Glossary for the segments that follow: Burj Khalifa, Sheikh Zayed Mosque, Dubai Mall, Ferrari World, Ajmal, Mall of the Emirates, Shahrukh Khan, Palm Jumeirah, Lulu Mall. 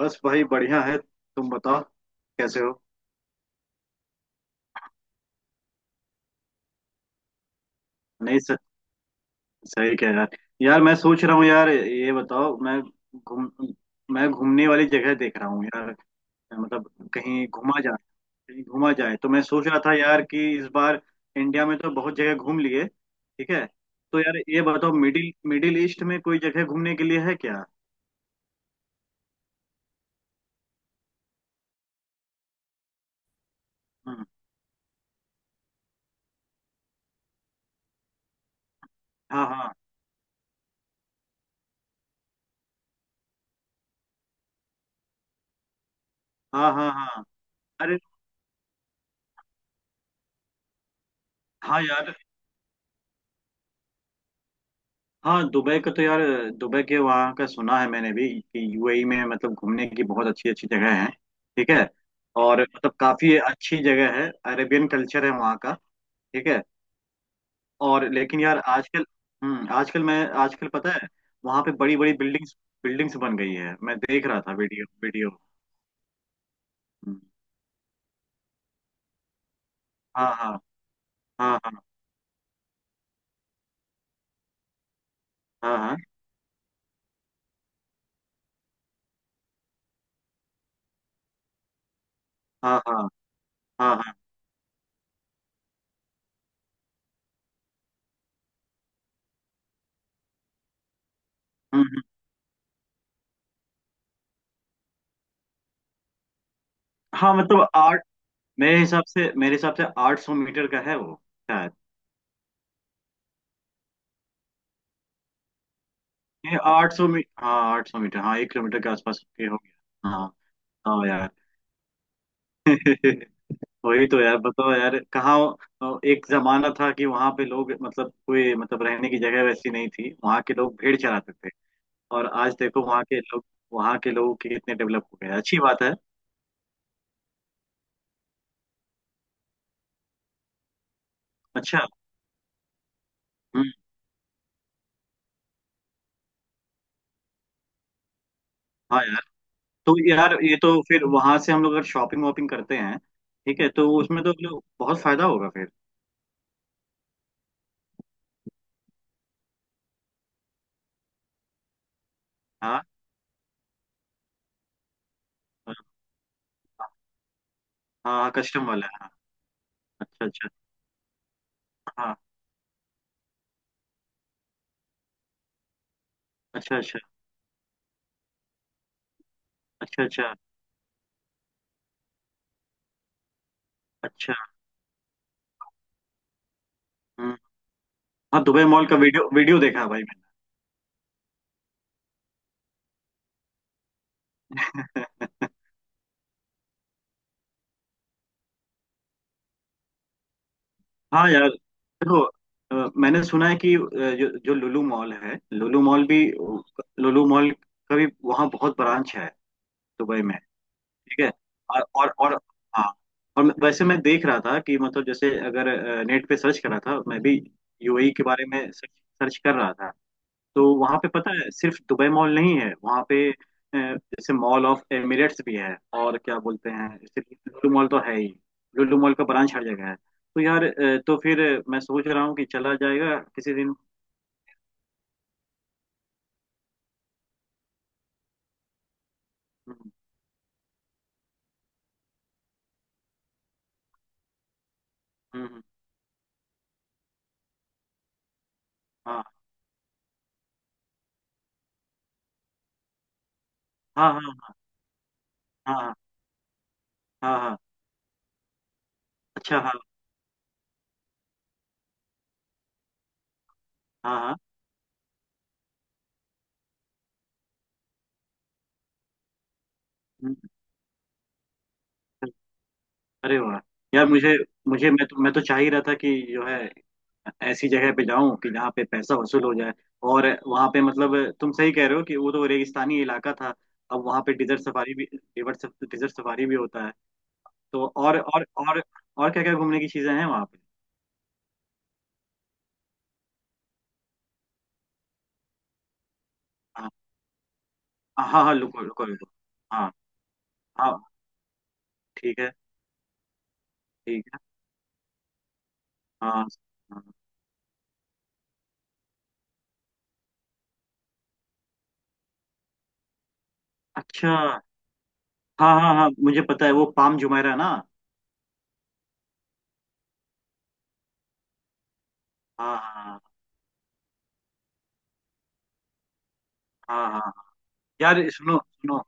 बस भाई बढ़िया है। तुम बताओ, कैसे हो? नहीं सही कह यार। यार मैं सोच रहा हूँ, यार ये बताओ। घूम मैं घूमने वाली जगह देख रहा हूँ यार। मतलब कहीं घूमा जाए। कहीं घूमा जाए तो मैं सोच रहा था यार कि इस बार इंडिया में तो बहुत जगह घूम लिए, ठीक है। तो यार ये बताओ, मिडिल मिडिल ईस्ट में कोई जगह घूमने के लिए है क्या? हम्म। हाँ हाँ। हाँ हाँ हाँ। अरे हाँ यार। हाँ, दुबई का तो यार, दुबई के वहाँ का सुना है मैंने भी कि यूएई में मतलब घूमने की बहुत अच्छी अच्छी जगह है, ठीक है। और मतलब काफी अच्छी जगह है। अरेबियन कल्चर है वहाँ का, ठीक है। और लेकिन यार आजकल, हम्म, आजकल मैं, आजकल पता है वहाँ पे बड़ी बड़ी बिल्डिंग्स बिल्डिंग्स बन गई है, मैं देख रहा था वीडियो वीडियो। हम्म, हाँ हाँ हाँ हाँ हाँ हाँ हाँ हाँ हाँ हाँ। हम्म। हम्म। हाँ, मतलब आठ, मेरे हिसाब से 800 मीटर का है वो। ये 800 मीटर, हाँ 800 मीटर, हाँ 1 किलोमीटर के आसपास के हो गया, हाँ। हाँ यार। वही तो यार बताओ यार कहाँ। एक जमाना था कि वहां पे लोग मतलब कोई मतलब रहने की जगह वैसी नहीं थी, वहां के लोग भेड़ चराते थे। और आज देखो वहां के लोग, वहां के लोग कितने डेवलप हो गए, अच्छी बात है। अच्छा। हम्म। हाँ यार। तो यार ये तो फिर वहां से हम लोग अगर शॉपिंग वॉपिंग करते हैं, ठीक है, तो उसमें तो लोग- बहुत फायदा होगा फिर। हाँ, हाँ कस्टम वाला है, हाँ। अच्छा अच्छा। हाँ। अच्छा अच्छा। अच्छा। अच्छा अच्छा। हम्म। हाँ, दुबई मॉल का वीडियो वीडियो देखा है भाई मैंने। हाँ यार देखो। मैंने सुना है कि जो जो लुलु मॉल है, लुलु मॉल भी लुलु मॉल का भी वहाँ बहुत ब्रांच है दुबई में, ठीक है। और हाँ। और मैं- वैसे मैं देख रहा था कि मतलब जैसे अगर नेट पे सर्च करा था मैं भी, यूएई के बारे में सर्च सर्च कर रहा था। तो वहां पे पता है सिर्फ दुबई मॉल नहीं है वहां पे। जैसे मॉल ऑफ एमिरेट्स भी है, और क्या बोलते हैं जैसे, लुलु मॉल तो है ही, लुलु मॉल का ब्रांच हर जगह है। तो यार, तो फिर मैं सोच रहा हूँ कि चला जाएगा किसी दिन। हम्म। हम्म, हाँ हाँ हाँ हाँ हाँ हाँ हाँ, अच्छा हाँ हाँ हाँ। हम्म। अरे वाह। यार, मुझे मुझे मैं तो चाह ही रहा था कि जो है, ऐसी जगह पे जाऊं कि जहाँ पे पैसा वसूल हो जाए। और वहां पे मतलब तुम सही कह रहे हो कि वो तो रेगिस्तानी इलाका था, अब वहां पे डिजर्ट सफारी भी, डिजर्ट सफारी भी होता है। तो और और क्या क्या घूमने की चीजें हैं वहां पे? हाँ हाँ हाँ। रुको रुको रुको। हाँ हाँ। ठीक है। ठीक है। हाँ हाँ। अच्छा। हाँ हाँ हाँ, मुझे पता है वो पाम जुमेरा ना। हाँ हाँ हाँ। हाँ। हाँ। यार सुनो सुनो।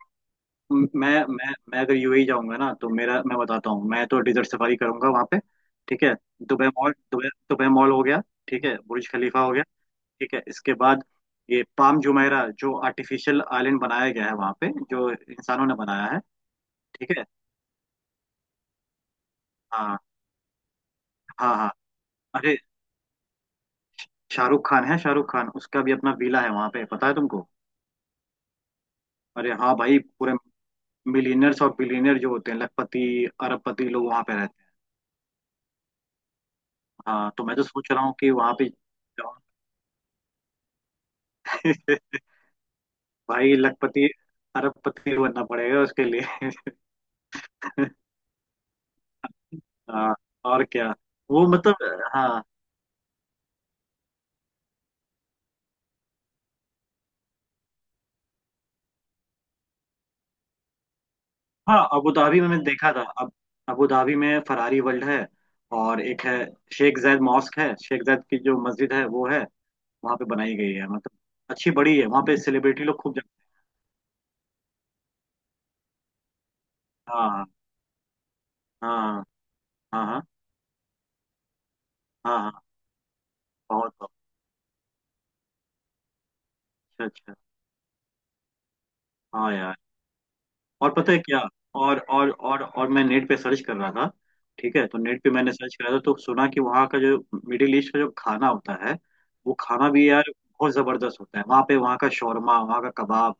मैं अगर यूएई जाऊंगा ना तो मेरा, मैं बताता हूँ, मैं तो डिजर्ट सफारी करूंगा वहां पे, ठीक है। Dubai mall, Dubai Dubai mall हो गया, ठीक है। बुर्ज खलीफा हो गया, ठीक है। इसके बाद ये पाम जुमेरा जो आर्टिफिशियल आइलैंड बनाया गया है वहां पे, जो इंसानों ने बनाया है, ठीक है। हाँ हाँ हाँ। अरे शाहरुख खान है, शाहरुख खान उसका भी अपना विला है वहां पे, पता है तुमको? अरे हाँ भाई, पूरे मिलियनर्स और बिलियनर जो होते हैं, लखपति अरबपति लोग वहां पे रहते हैं। हाँ तो मैं तो सोच रहा हूँ कि वहां पे जाऊँ। भाई, लखपति अरबपति बनना पड़ेगा उसके लिए। हाँ। और क्या। वो मतलब, हाँ। हाँ अबू धाबी में मैंने देखा था। अब अबू धाबी में फरारी वर्ल्ड है, और एक है शेख जायद मॉस्क है, शेख जायद की जो मस्जिद है वो है, वहाँ पे बनाई गई है मतलब, अच्छी बड़ी है, वहाँ पे सेलिब्रिटी लोग खूब जाते हैं। हाँ हाँ हाँ हाँ हाँ हाँ हाँ, बहुत बहुत। अच्छा अच्छा। हाँ यार। और पता है क्या, और मैं नेट पे सर्च कर रहा था, ठीक है? तो नेट पे मैंने सर्च करा था तो सुना कि वहाँ का जो मिडिल ईस्ट का जो खाना होता है, वो खाना भी यार बहुत जबरदस्त होता है वहाँ पे। वहाँ का शौरमा, वहाँ का कबाब,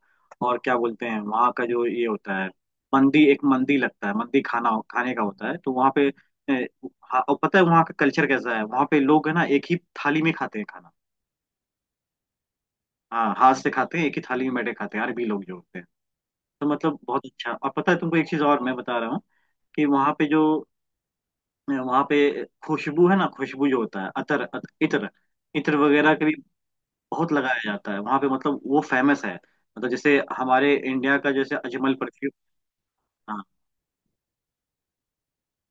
और क्या बोलते हैं वहाँ का जो ये होता है, मंदी, एक मंदी लगता है, मंदी खाना खाने का होता है, तो वहाँ पे। ए, हाँ, और पता है वहाँ का कल्चर कैसा है? वहाँ पे लोग है ना, एक ही थाली में खाते हैं खाना। हाँ, हाथ से खाते हैं, एक ही थाली में बैठे खाते हैं अरबी लोग जो होते हैं। तो मतलब बहुत अच्छा। और पता है तुमको, एक चीज और मैं बता रहा हूँ, कि वहाँ पे खुशबू है ना, खुशबू जो होता है, इत्र, इत्र वगैरह के भी बहुत लगाया जाता है वहाँ पे, मतलब वो फेमस है, मतलब जैसे हमारे इंडिया का जैसे अजमल परफ्यूम। हाँ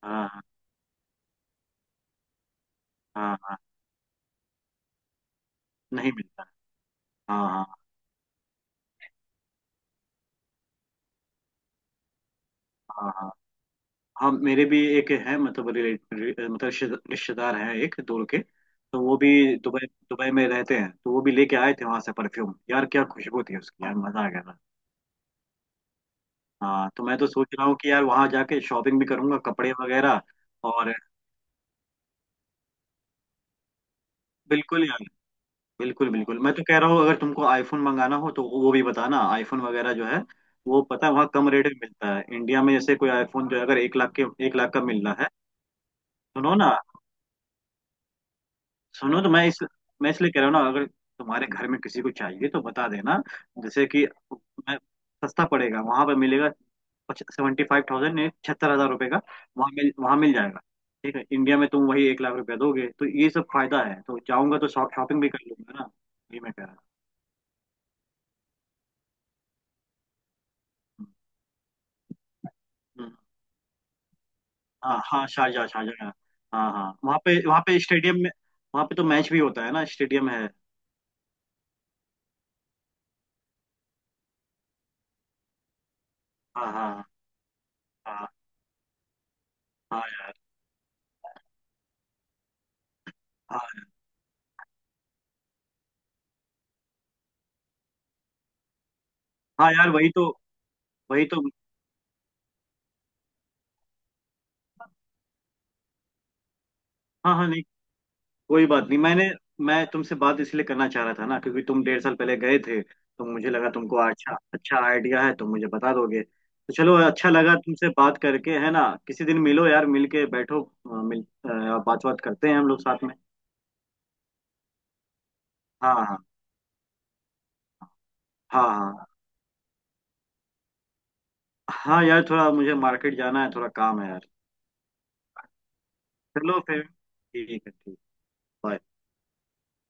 हाँ हाँ हाँ। हाँ, नहीं मिलता है। हाँ हाँ हाँ हाँ। हाँ मेरे भी एक है, मतलब रिलेट रि- मतलब रिश्ते- रिश्तेदार हैं एक दूर के, तो वो भी दुबई दुबई में रहते हैं, तो वो भी लेके आए थे वहां से परफ्यूम, यार क्या खुशबू थी उसकी, यार मजा आ गया था। हाँ तो मैं तो सोच रहा हूँ कि यार वहां जाके शॉपिंग भी करूंगा कपड़े वगैरह, और बिल्कुल यार, बिल्कुल बिल्कुल मैं तो कह रहा हूँ, अगर तुमको आईफोन मंगाना हो तो वो भी बताना। आईफोन वगैरह जो है वो पता है वहाँ कम रेट में मिलता है। इंडिया में जैसे कोई आईफोन जो है, अगर एक लाख का मिल रहा है। सुनो ना, सुनो तो, मैं इसलिए कह रहा हूँ ना, अगर तुम्हारे घर में किसी को चाहिए तो बता देना, जैसे कि मैं, सस्ता पड़ेगा वहां पर मिलेगा, 75,000, 76,000 रुपये का वहां मिल जाएगा, ठीक है। इंडिया में तुम वही 1 लाख रुपया दोगे, तो ये सब फायदा है, तो जाऊंगा तो शॉपिंग भी कर लूंगा ना, ये मैं कह रहा हूँ। हम्म। हम्म, हाँ हाँ शारजा शारजा, हाँ। हाँ हाँ, वहाँ पे स्टेडियम में, वहाँ पे तो मैच भी होता है ना, स्टेडियम है। हाँ हाँ हाँ। हाँ यार। हाँ हाँ यार वही तो, वही तो। हाँ हाँ। नहीं, कोई बात नहीं। मैंने, मैं तुमसे बात इसलिए करना चाह रहा था ना क्योंकि तुम 1.5 साल पहले गए थे, तो मुझे लगा तुमको अच्छा अच्छा आइडिया है तो मुझे बता दोगे। तो चलो अच्छा लगा तुमसे बात करके, है ना? किसी दिन मिलो यार, मिल के बैठो, मिल बात बात करते हैं हम लोग साथ में। हाँ हाँ हाँ हाँ। हाँ यार, थोड़ा मुझे मार्केट जाना है, थोड़ा काम है यार। चलो फिर, ठीक है, ठीक। बाय।